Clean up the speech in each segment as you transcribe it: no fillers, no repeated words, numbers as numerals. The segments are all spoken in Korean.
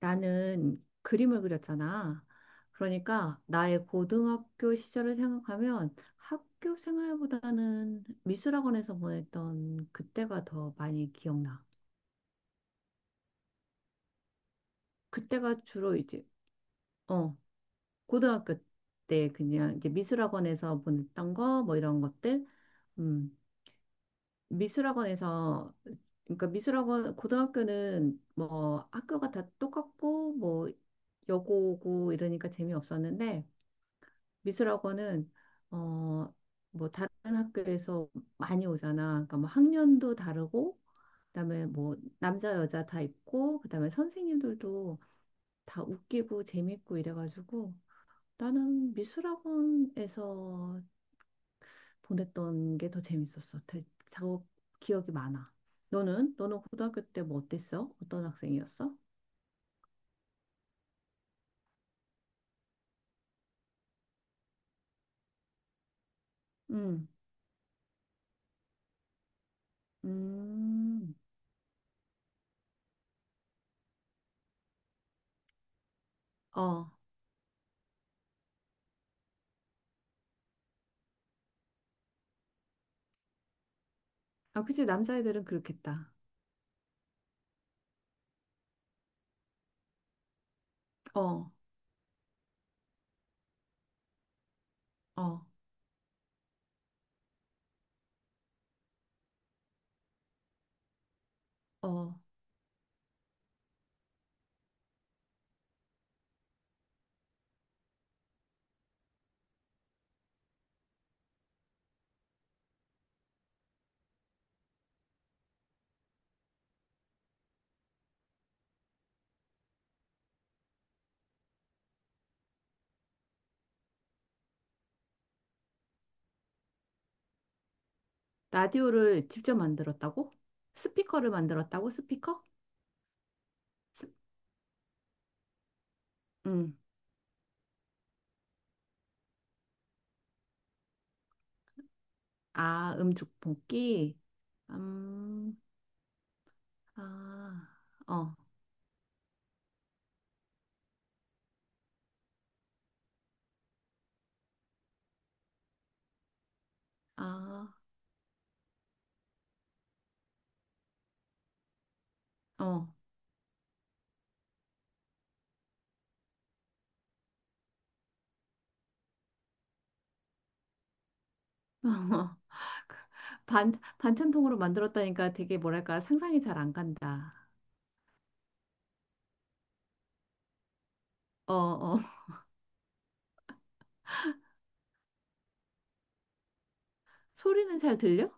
나는 그림을 그렸잖아. 그러니까 나의 고등학교 시절을 생각하면 학교 생활보다는 미술학원에서 보냈던 그때가 더 많이 기억나. 그때가 주로 이제 어 고등학교 때 그냥 이제 미술학원에서 보냈던 거 뭐 이런 것들. 음 미술학원에서 그러니까 미술학원 고등학교는 뭐 학교가 다 똑같고 뭐 여고고 이러니까 재미없었는데 미술학원은 어 뭐 다른 학교에서 많이 오잖아. 그러니까 뭐 학년도 다르고 그다음에 뭐 남자 여자 다 있고 그다음에 선생님들도 다 웃기고 재밌고 이래가지고 나는 미술학원에서 보냈던 게 더 재밌었어. 더 기억이 많아. 너는 고등학교 때 뭐 어땠어? 어떤 학생이었어? 음. 음. 어. 아, 그치. 남자애들은 그렇겠다. 어. 어. 어. 라디오를 직접 만들었다고? 스피커를 만들었다고? 스피커? 스, 음. 아, 음축 뽑기? 음, 아, 어, 아, 어. 반, 반찬통으로 만들었다니까 되게 뭐랄까 상상이 잘 안 간다. 어, 어. 소리는 잘 들려?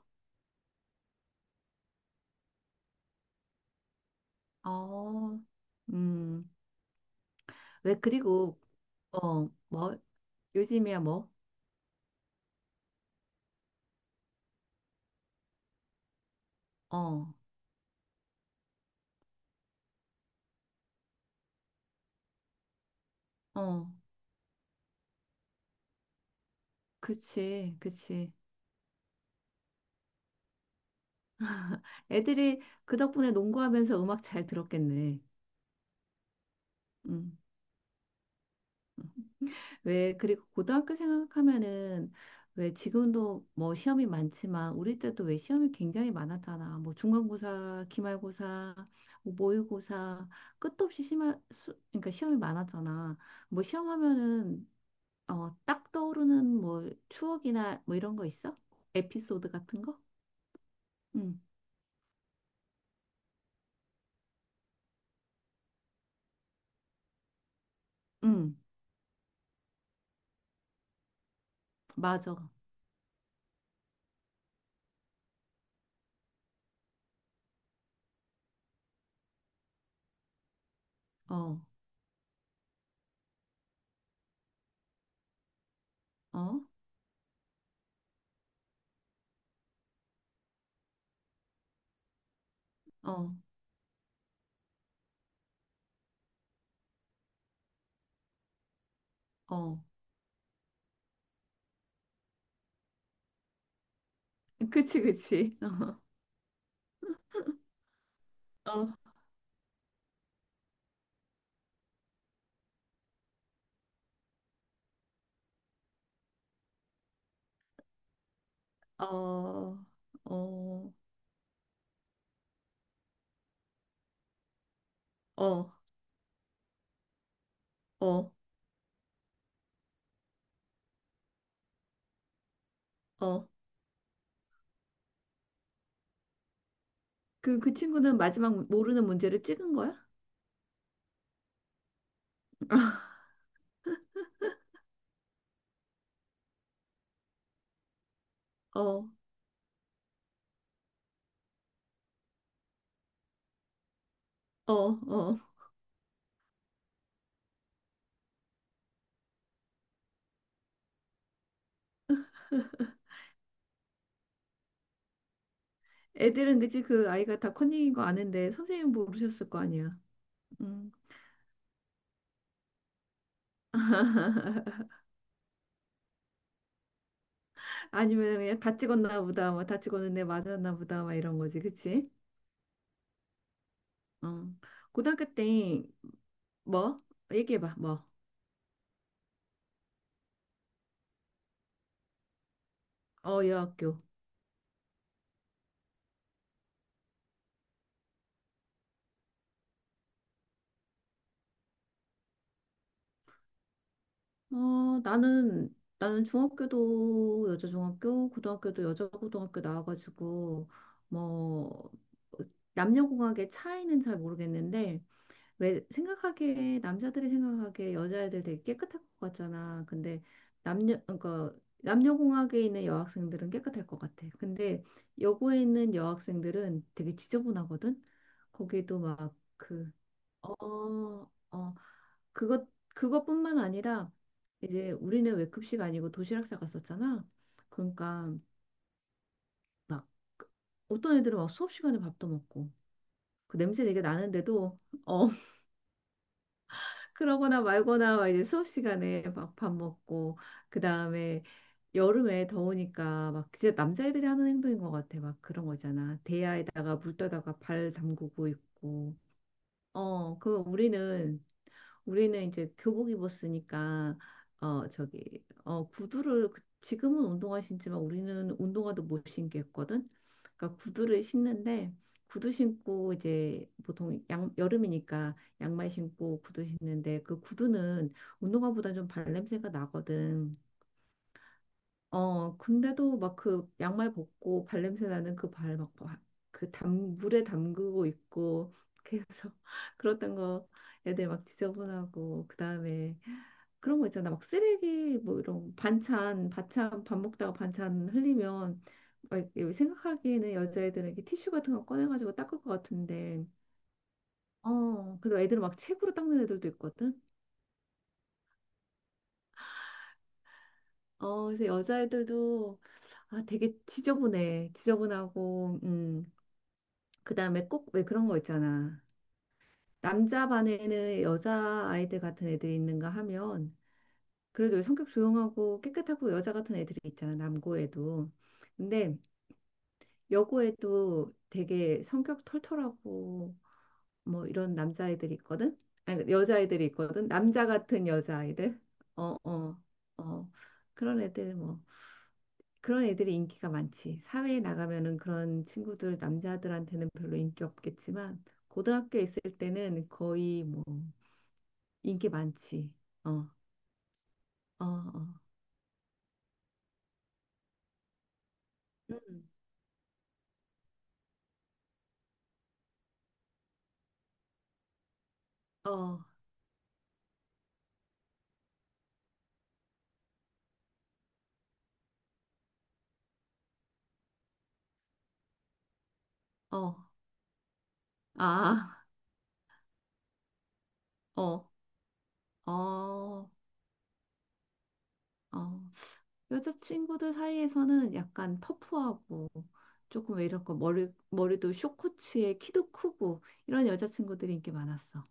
어, 음. 왜 그리고, 어, 뭐, 요즘이야 뭐? 어, 어. 그치, 그치. 애들이 그 덕분에 농구하면서 음악 잘 들었겠네. 음. 음. 왜, 그리고 고등학교 생각하면은 왜 지금도 뭐 시험이 많지만 우리 때도 왜 시험이 굉장히 많았잖아. 뭐 중간고사, 기말고사, 뭐 모의고사, 끝도 없이 심할 수, 그러니까 시험이 많았잖아. 뭐 시험하면은 딱 떠오르는 뭐 추억이나 뭐 이런 거 있어? 에피소드 같은 거? 응, 응, 맞아. 어, 어, 어, 어. 그치, 그치. 어, 어, 어, 어, 어, 어. 그, 그 친구는 마지막 모르는 문제를 찍은 거야? 어, 어, 어. 애들은 그치 그 아이가 다 컨닝인 거 아는데 선생님 모르셨을 거 아니야. 음. 아니면 그냥 다 찍었나 보다, 뭐 다 찍었는데 맞았나 보다, 막 이런 거지, 그치? 어. 고등학교 때 뭐? 얘기해봐, 뭐? 어, 여학교. 어, 나는, 나는 중학교도 여자 중학교, 고등학교도 여자 고등학교 나와가지고, 뭐, 남녀공학의 차이는 잘 모르겠는데, 왜 생각하기에, 남자들이 생각하기에 여자애들 되게 깨끗할 것 같잖아. 근데 남녀, 그러니까 남녀공학에 있는 여학생들은 깨끗할 것 같아. 근데 여고에 있는 여학생들은 되게 지저분하거든? 거기도 막 그, 어, 어, 그것 그것뿐만 아니라 이제 우리는 왜 급식 아니고 도시락 싸갔었잖아. 그러니까 막 어떤 애들은 막 수업 시간에 밥도 먹고 그 냄새 되게 나는데도 어 그러거나 말거나 막 이제 수업 시간에 막 밥 먹고 그 다음에 여름에 더우니까 막 진짜 남자애들이 하는 행동인 것 같아. 막 그런 거잖아. 대야에다가 물 떠다가 발 담그고 있고. 어, 그럼 우리는 이제 교복 입었으니까 저기 구두를 지금은 운동화 신지만 우리는 운동화도 못 신겠거든. 그러니까 구두를 신는데 구두 신고 이제 보통 양, 여름이니까 양말 신고 구두 신는데 그 구두는 운동화보다 좀 발냄새가 나거든. 어, 근데도 막 그 양말 벗고 발냄새 나는 그 발 막 그 담, 물에 담그고 있고 그래서 그랬던 거 애들 막 지저분하고 그다음에 그런 거 있잖아. 막 쓰레기 뭐 이런 반찬, 반찬 밥 먹다가 반찬 흘리면 막 이렇게 생각하기에는 여자애들은 이렇게 티슈 같은 거 꺼내가지고 닦을 것 같은데 어, 그래도 애들은 막 책으로 닦는 애들도 있거든. 어, 그래서 여자애들도 아, 되게 지저분해. 지저분하고, 그다음에 꼭 왜 그런 거 있잖아. 남자 반에는 여자 아이들 같은 애들이 있는가 하면 그래도 성격 조용하고 깨끗하고 여자 같은 애들이 있잖아. 남고에도. 근데 여고에도 되게 성격 털털하고 뭐 이런 남자애들이 있거든. 아니 여자애들이 있거든. 남자 같은 여자아이들. 어, 어, 어. 그런 애들 뭐 그런 애들이 인기가 많지. 사회에 나가면은 그런 친구들 남자들한테는 별로 인기 없겠지만 고등학교에 있을 때는 거의 뭐 인기 많지. 어, 어, 어, 음, 어, 어, 아, 어, 어, 어. 여자친구들 사이에서는 약간 터프하고 조금 왜 이럴까 머리도 숏코츠에 키도 크고 이런 여자친구들이 인기 많았어.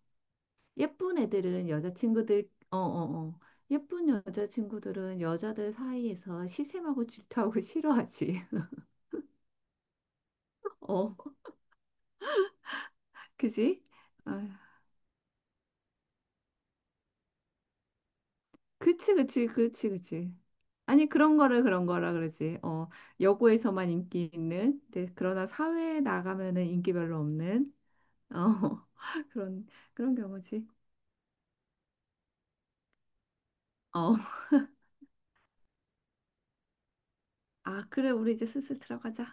예쁜 애들은 여자친구들, 어, 어, 어. 예쁜 여자친구들은 여자들 사이에서 시샘하고 질투하고 싫어하지. 어, 그지? 아, 그치, 그치, 그치, 그치. 아니, 그런 거를 그런 거라 그러지. 어, 여고에서만 인기 있는, 근데 그러나 사회에 나가면은 인기 별로 없는, 어, 그런, 그런 경우지. 어, 아, 그래, 우리 이제 슬슬 들어가자.